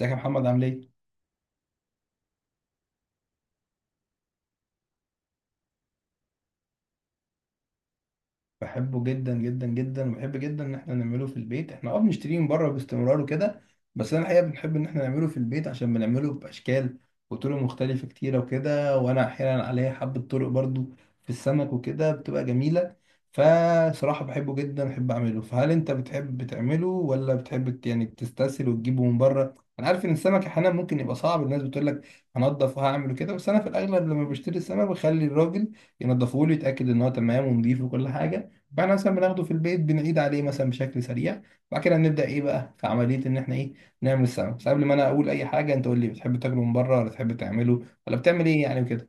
ازيك يا محمد، عامل ايه؟ بحبه جدا جدا جدا، وبحب جدا ان احنا نعمله في البيت. احنا بنشتريه من بره باستمرار وكده. بس انا الحقيقه بنحب ان احنا نعمله في البيت عشان بنعمله باشكال وطرق مختلفه كتيره وكده. وانا احيانا عليا حبه طرق برضو في السمك وكده بتبقى جميله. فصراحه بحبه جدا، بحب اعمله. فهل انت بتحب تعمله ولا بتحب يعني تستسهل وتجيبه من بره؟ انا عارف ان السمك احيانا ممكن يبقى صعب، الناس بتقول لك هنضف وهعمل كده، بس انا في الاغلب لما بشتري السمك بخلي الراجل ينضفه لي، يتاكد ان هو تمام ونضيف وكل حاجه. بعد مثلا بناخده في البيت بنعيد عليه مثلا بشكل سريع. بعد كده نبدا ايه بقى في عمليه ان احنا ايه نعمل السمك. بس قبل ما انا اقول اي حاجه انت قول لي، بتحب تاكله من بره ولا تحب تعمله ولا بتعمل ايه يعني وكده؟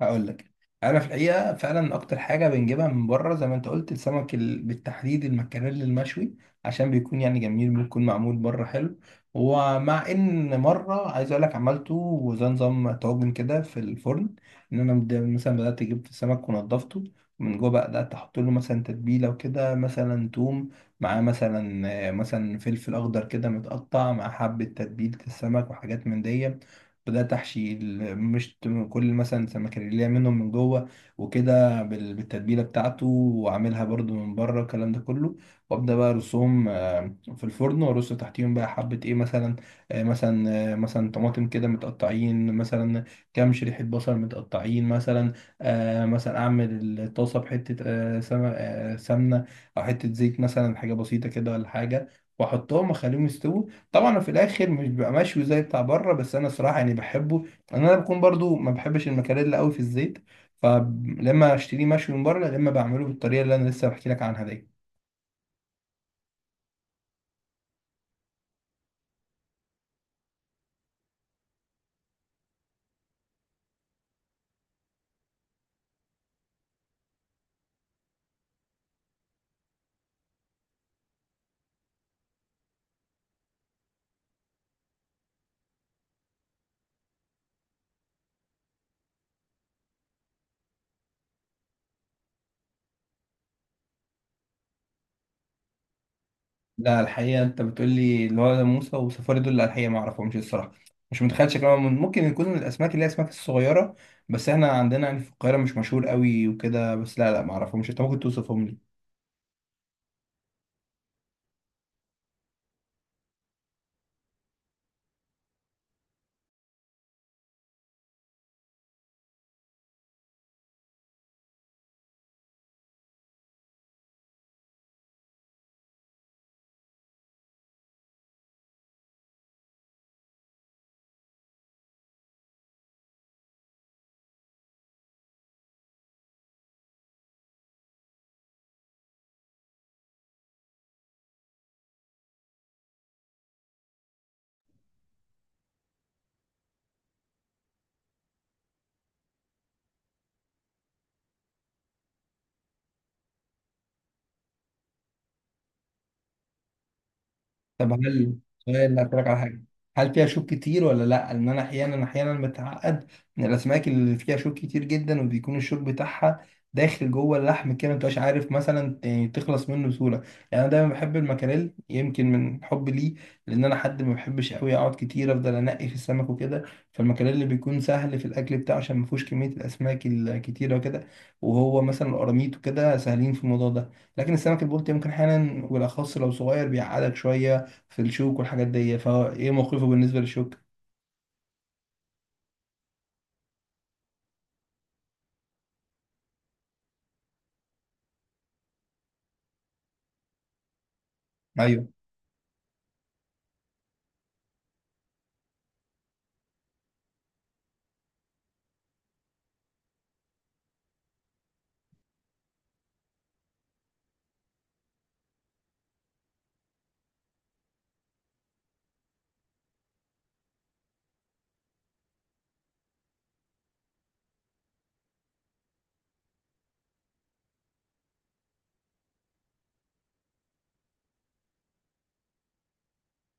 هقول لك، انا في الحقيقه فعلا اكتر حاجه بنجيبها من بره زي ما انت قلت السمك بالتحديد المكاريل المشوي، عشان بيكون يعني جميل، بيكون معمول بره حلو. ومع ان مره عايز اقول لك عملته وزي نظام طاجن كده في الفرن، ان انا مثلا بدات اجيب السمك ونضفته من جوه. بقى بدات احط له مثلا تتبيله وكده، مثلا توم مع مثلا فلفل اخضر كده متقطع، مع حبه تتبيله السمك وحاجات من دي. بدأت أحشي مش كل مثلا سمكة اللي منهم من جوه وكده بالتتبيلة بتاعته، وأعملها برضو من بره الكلام ده كله. وأبدأ بقى أرصهم في الفرن، وأرص تحتيهم بقى حبة إيه، مثلا مثلا طماطم كده متقطعين، مثلا كام شريحة بصل متقطعين، مثلا مثلا أعمل الطاسة بحتة سمنة، أو حتة زيت مثلا، حاجة بسيطة كده ولا حاجة، وأحطهم أخليهم يستووا. طبعا في الاخر مش بيبقى مشوي زي بتاع بره، بس انا صراحه يعني بحبه، لان انا بكون برضو ما بحبش المكاريلا قوي في الزيت. فلما اشتريه مشوي من بره، لما بعمله بالطريقه اللي انا لسه بحكي لك عنها دي. لا، الحقيقه انت بتقول لي اللي هو ده موسى وسفاري دول، لا الحقيقه ما اعرفهمش الصراحه. مش متخيل شكلهم، ممكن يكون من الاسماك اللي هي الاسماك الصغيره، بس احنا عندنا يعني في القاهره مش مشهور قوي وكده. بس لا لا، ما اعرفهمش. انت ممكن توصفهم لي؟ طب، سؤال اسالك على حاجه: هل فيها شوك كتير ولا لا؟ ان انا احيانا متعقد من الاسماك اللي فيها شوك كتير جدا، وبيكون الشوك بتاعها داخل جوه اللحم كده، مبتبقاش عارف مثلا يعني تخلص منه بسهوله. يعني انا دايما بحب المكاريل يمكن من حب ليه، لان انا حد ما بحبش قوي اقعد كتير افضل انقي في السمك وكده. فالمكاريل اللي بيكون سهل في الاكل بتاعه عشان ما فيهوش كميه الاسماك الكتيره وكده. وهو مثلا القراميط وكده سهلين في الموضوع ده. لكن السمك البلطي ممكن احيانا وبالاخص لو صغير بيعقدك شويه في الشوك والحاجات دي. فهو ايه موقفه بالنسبه للشوك؟ ايوه،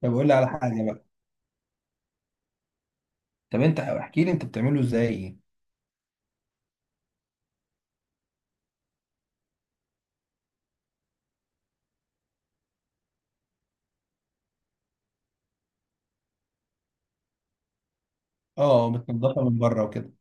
طب قول لي على حاجه بقى. طب انت احكي لي، انت بتعمله ازاي؟ اه، بتنضفها من بره وكده.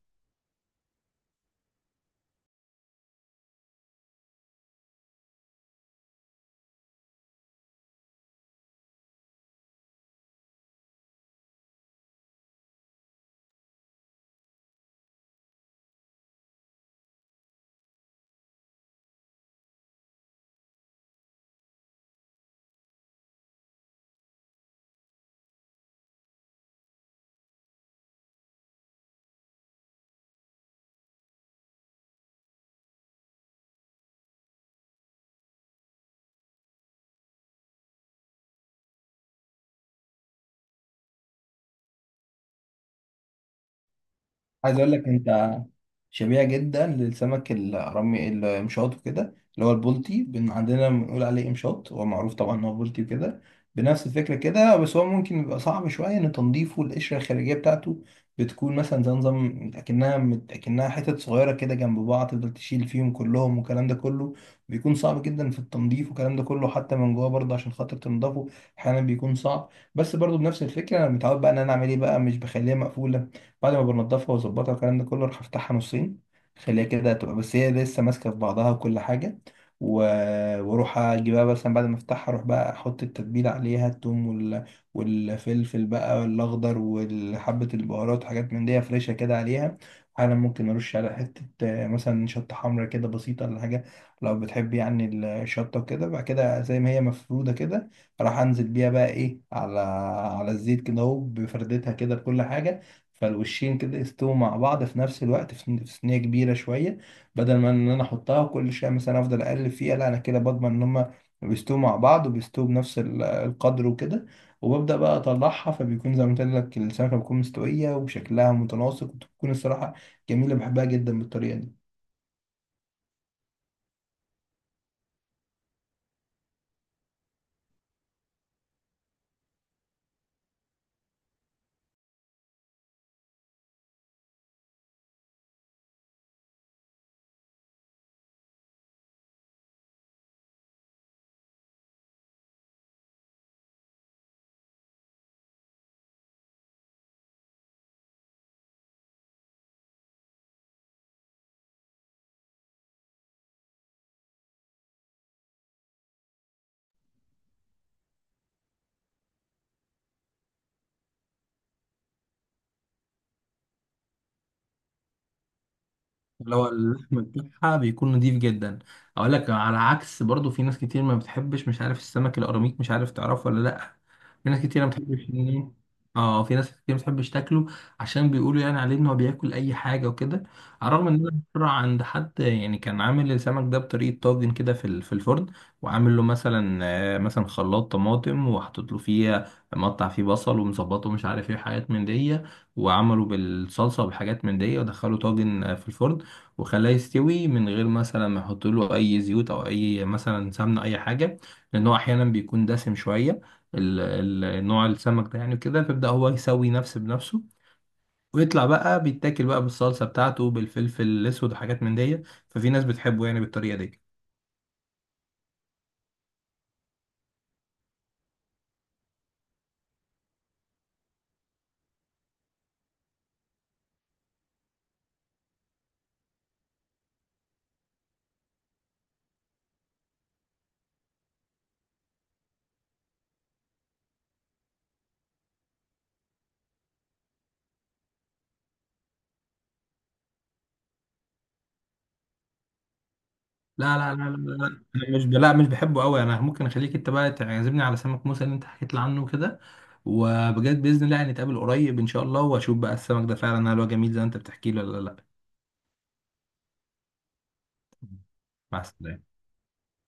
عايز اقول لك انت، شبيهة جدا للسمك الرمي المشاط وكده، اللي هو البلطي بن عندنا بنقول عليه امشاط، هو معروف طبعا ان هو بلطي وكده. بنفس الفكرة كده، بس هو ممكن يبقى صعب شوية ان تنظيفه. القشرة الخارجية بتاعته بتكون مثلا زي نظام اكنها اكنها حتت صغيرة كده جنب بعض، تفضل تشيل فيهم كلهم والكلام ده كله، بيكون صعب جدا في التنظيف والكلام ده كله. حتى من جوه برضه عشان خاطر تنضفه احيانا بيكون صعب. بس برضه بنفس الفكرة انا متعود بقى ان انا اعمل ايه بقى، مش بخليها مقفولة. بعد ما بنضفها واظبطها والكلام ده كله راح افتحها نصين. خليها كده تبقى بس هي لسه ماسكه في بعضها وكل حاجه. و... واروح اجيبها، بس بعد ما افتحها اروح بقى احط التتبيله عليها، التوم والفلفل بقى الاخضر وحبه البهارات وحاجات من دي فريشه كده عليها. احيانا ممكن ارش على حته مثلا شطه حمرا كده بسيطه ولا حاجه، لو بتحب يعني الشطه وكده. بعد كده زي ما هي مفروده كده راح انزل بيها بقى ايه على الزيت كده اهو بفردتها كده بكل حاجه. فالوشين كده يستووا مع بعض في نفس الوقت، في صينيه كبيره شويه، بدل ما ان انا احطها وكل شويه مثلا افضل اقلب فيها. لا، انا كده بضمن ان هما بيستووا مع بعض وبيستووا بنفس القدر وكده. وببدأ بقى أطلعها، فبيكون زي ما قلت لك السمكة بتكون مستوية وشكلها متناسق، وتكون الصراحة جميلة، بحبها جدا بالطريقة دي. اللي هو اللحم بتاعها بيكون نضيف جدا. اقول لك على عكس، برضو في ناس كتير ما بتحبش، مش عارف السمك القراميط مش عارف تعرفه ولا لا. في ناس كتير ما بتحبش اه في ناس كتير ما بتحبش تاكله، عشان بيقولوا يعني عليه ان هو بياكل اي حاجه وكده. على الرغم ان انا مره عند حد يعني كان عامل السمك ده بطريقه طاجن كده في في الفرن، وعامل له مثلا خلاط طماطم وحاطط له فيه، مقطع فيه بصل ومظبطه مش عارف ايه حاجات من دي، وعمله بالصلصه وبحاجات من دي ودخله طاجن في الفرن، وخلاه يستوي من غير مثلا ما يحط له اي زيوت او اي مثلا سمنه اي حاجه، لان هو احيانا بيكون دسم شويه ال- نوع السمك ده يعني كده. فيبدا هو يسوي نفسه بنفسه، ويطلع بقى بيتاكل بقى بالصلصه بتاعته بالفلفل الاسود وحاجات من دي. ففي ناس بتحبه يعني بالطريقه دي. لا لا لا لا لا، انا مش لا مش بحبه قوي. انا ممكن اخليك انت بقى تعزمني على سمك موسى اللي انت حكيت لي عنه كده. وبجد باذن الله هنتقابل قريب ان شاء الله، واشوف بقى السمك ده فعلا هل هو جميل زي ما انت بتحكي لي ولا لا. مع السلامه.